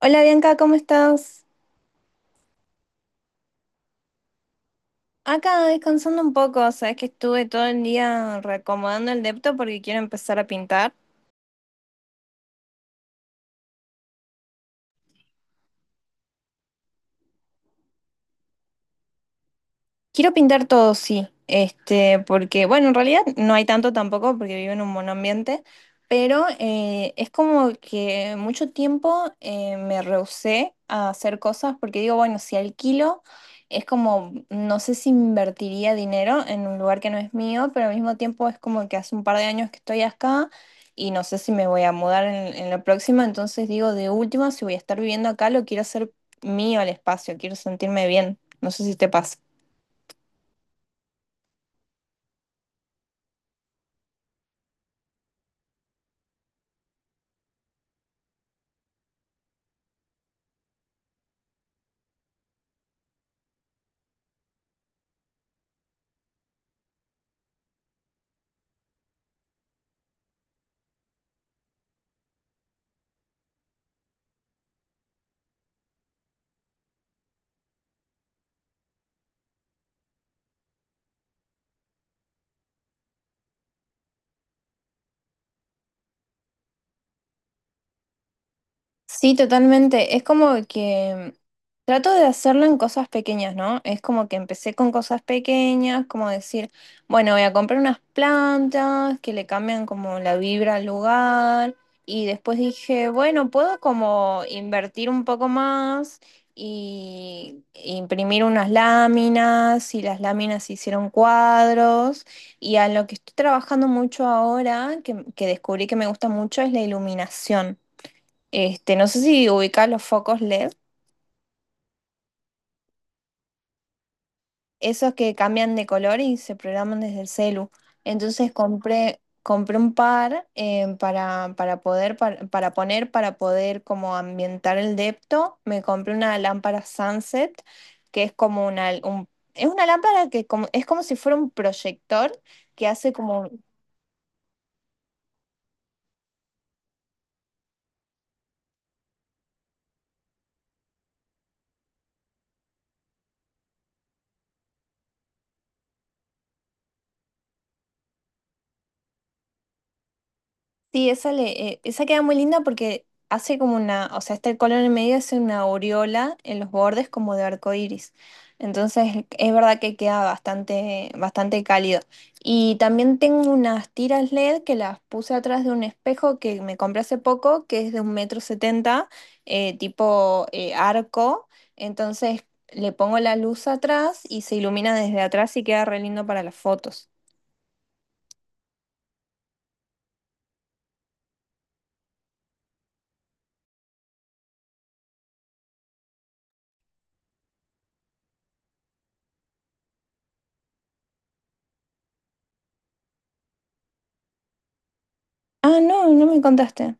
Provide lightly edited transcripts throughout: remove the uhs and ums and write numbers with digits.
Hola Bianca, ¿cómo estás? Acá descansando un poco, sabes que estuve todo el día reacomodando el depto porque quiero empezar a pintar. Quiero pintar todo, sí. Porque, bueno, en realidad no hay tanto tampoco porque vivo en un monoambiente, pero es como que mucho tiempo me rehusé a hacer cosas porque digo, bueno, si alquilo, es como, no sé si invertiría dinero en un lugar que no es mío, pero al mismo tiempo es como que hace un par de años que estoy acá y no sé si me voy a mudar en la próxima, entonces digo, de última, si voy a estar viviendo acá, lo quiero hacer mío el espacio, quiero sentirme bien. No sé si te pasa. Sí, totalmente. Es como que trato de hacerlo en cosas pequeñas, ¿no? Es como que empecé con cosas pequeñas, como decir, bueno, voy a comprar unas plantas que le cambian como la vibra al lugar. Y después dije, bueno, puedo como invertir un poco más y imprimir unas láminas y las láminas hicieron cuadros. Y a lo que estoy trabajando mucho ahora, que descubrí que me gusta mucho, es la iluminación. No sé si ubicás los focos LED, esos que cambian de color y se programan desde el celu. Entonces compré un par para, para poner, para poder como ambientar el depto. Me compré una lámpara Sunset, que es como es una lámpara es como si fuera un proyector que hace como, sí, esa queda muy linda porque hace como una, o sea, este color en el medio hace una aureola en los bordes como de arco iris. Entonces, es verdad que queda bastante, bastante cálido. Y también tengo unas tiras LED que las puse atrás de un espejo que me compré hace poco, que es de un metro setenta, tipo arco. Entonces, le pongo la luz atrás y se ilumina desde atrás y queda re lindo para las fotos. Ah, no, no me contaste.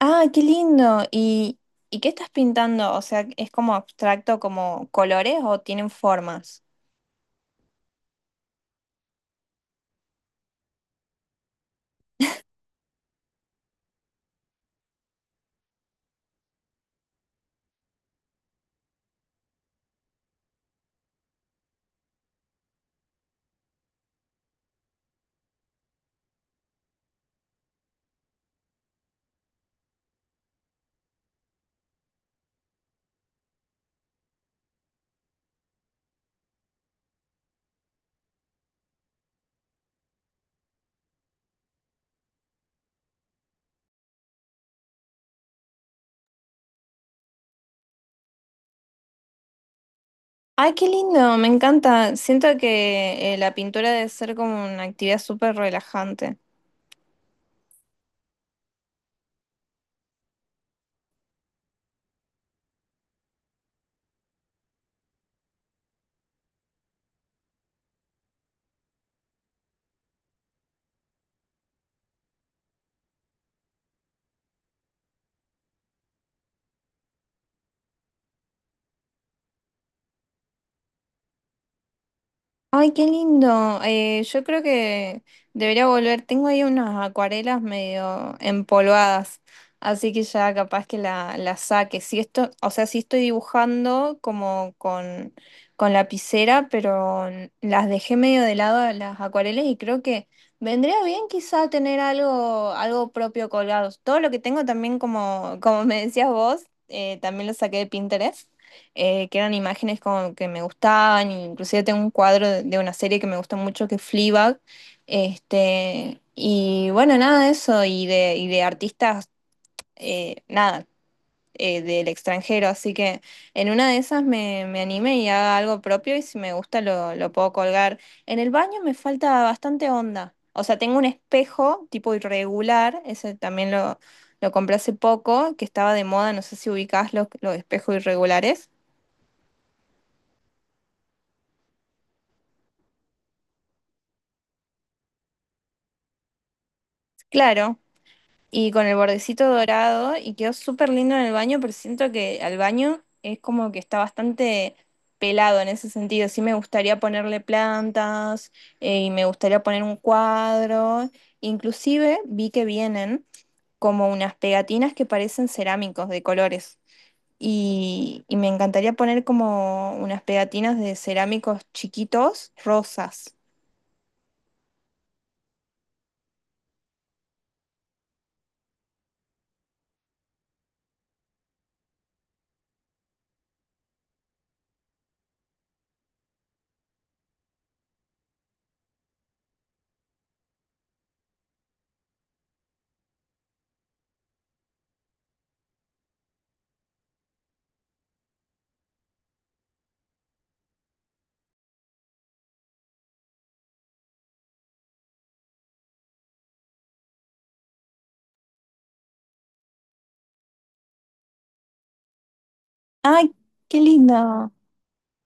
Ah, qué lindo. ¿Y y qué estás pintando? O sea, ¿es como abstracto, como colores o tienen formas? Ay, qué lindo, me encanta. Siento que la pintura debe ser como una actividad súper relajante. Ay, qué lindo. Yo creo que debería volver. Tengo ahí unas acuarelas medio empolvadas, así que ya capaz que la saque. Si esto, o sea, sí estoy dibujando con lapicera, pero las dejé medio de lado a las acuarelas y creo que vendría bien quizá tener algo propio colgado. Todo lo que tengo también, como me decías vos, también lo saqué de Pinterest, que eran imágenes como que me gustaban, e inclusive tengo un cuadro de una serie que me gusta mucho que es Fleabag. Y bueno, nada de eso, y de artistas nada, del extranjero, así que en una de esas me anime y haga algo propio y si me gusta lo puedo colgar. En el baño me falta bastante onda, o sea, tengo un espejo tipo irregular, ese también lo... Lo compré hace poco, que estaba de moda, no sé si ubicás los espejos irregulares. Claro, y con el bordecito dorado y quedó súper lindo en el baño, pero siento que al baño es como que está bastante pelado en ese sentido. Sí me gustaría ponerle plantas y me gustaría poner un cuadro. Inclusive vi que vienen como unas pegatinas que parecen cerámicos de colores. Y y me encantaría poner como unas pegatinas de cerámicos chiquitos, rosas. ¡Ay, qué lindo!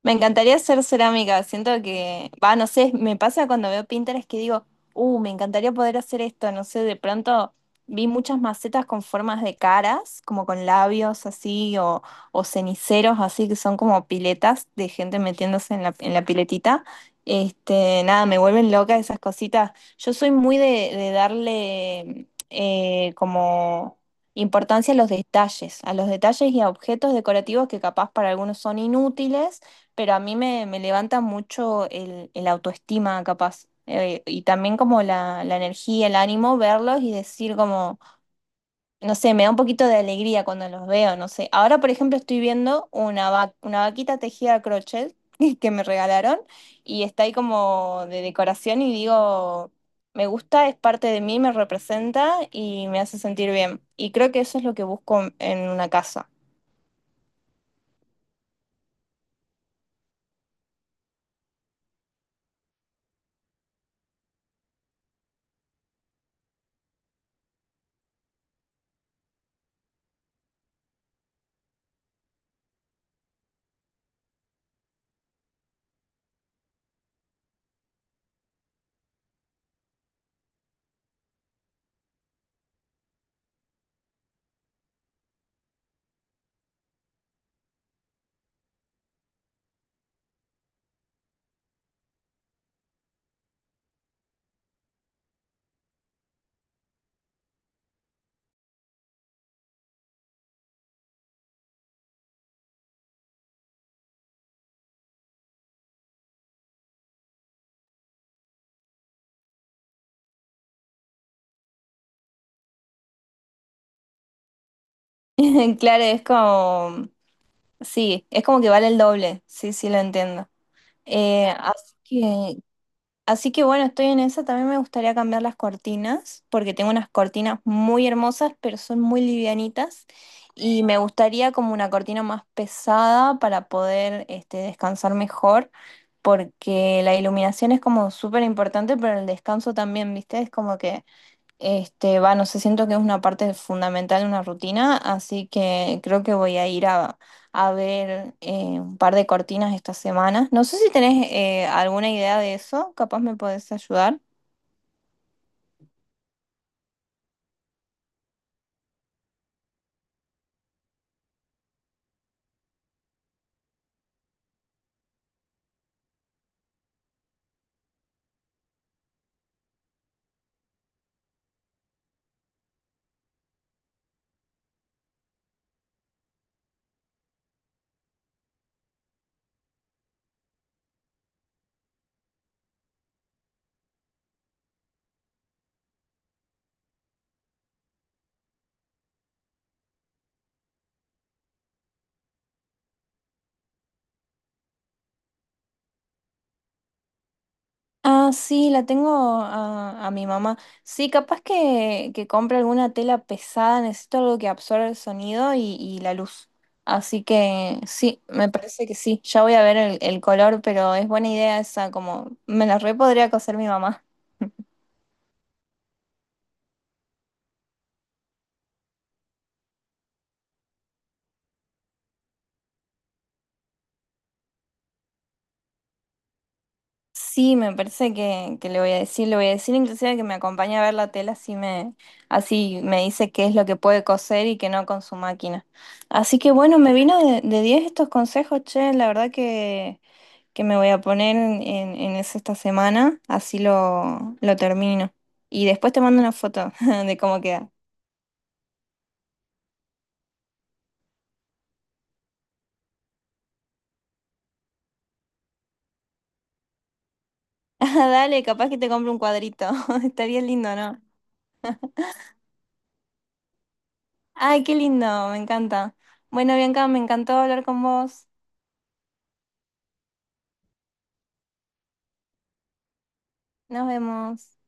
Me encantaría hacer cerámica. Siento que, va, no sé, me pasa cuando veo Pinterest que digo, me encantaría poder hacer esto. No sé, de pronto vi muchas macetas con formas de caras, como con labios así, o ceniceros así, que son como piletas de gente metiéndose en en la piletita. Este, nada, Me vuelven loca esas cositas. Yo soy muy de darle como importancia a los detalles y a objetos decorativos que capaz para algunos son inútiles, pero a mí me levanta mucho el autoestima, capaz. Y también como la energía, el ánimo, verlos y decir como, no sé, me da un poquito de alegría cuando los veo, no sé. Ahora, por ejemplo, estoy viendo una vaquita tejida a crochet que me regalaron y está ahí como de decoración y digo, me gusta, es parte de mí, me representa y me hace sentir bien. Y creo que eso es lo que busco en una casa. Claro, es como sí, es como que vale el doble, sí, sí lo entiendo. Eh, así que, así que bueno, estoy en esa, también me gustaría cambiar las cortinas, porque tengo unas cortinas muy hermosas, pero son muy livianitas, y me gustaría como una cortina más pesada para poder descansar mejor, porque la iluminación es como súper importante, pero el descanso también, ¿viste? Es como que no sé, siento que es una parte fundamental de una rutina, así que creo que voy a ir a ver un par de cortinas esta semana. No sé si tenés alguna idea de eso, capaz me podés ayudar. Ah, sí, la tengo a mi mamá. Sí, capaz que compre alguna tela pesada, necesito algo que absorba el sonido y la luz. Así que sí, me parece que sí. Ya voy a ver el color, pero es buena idea esa, como me la re podría coser mi mamá. Sí, me parece que le voy a decir, le voy a decir inclusive que me acompañe a ver la tela, así me así me dice qué es lo que puede coser y que no con su máquina. Así que bueno, me vino de 10 estos consejos, che, la verdad que me voy a poner en eso esta semana, así lo termino. Y después te mando una foto de cómo queda. Ah, dale, capaz que te compro un cuadrito, estaría lindo, ¿no? Ay, qué lindo, me encanta. Bueno, Bianca, me encantó hablar con vos, nos vemos.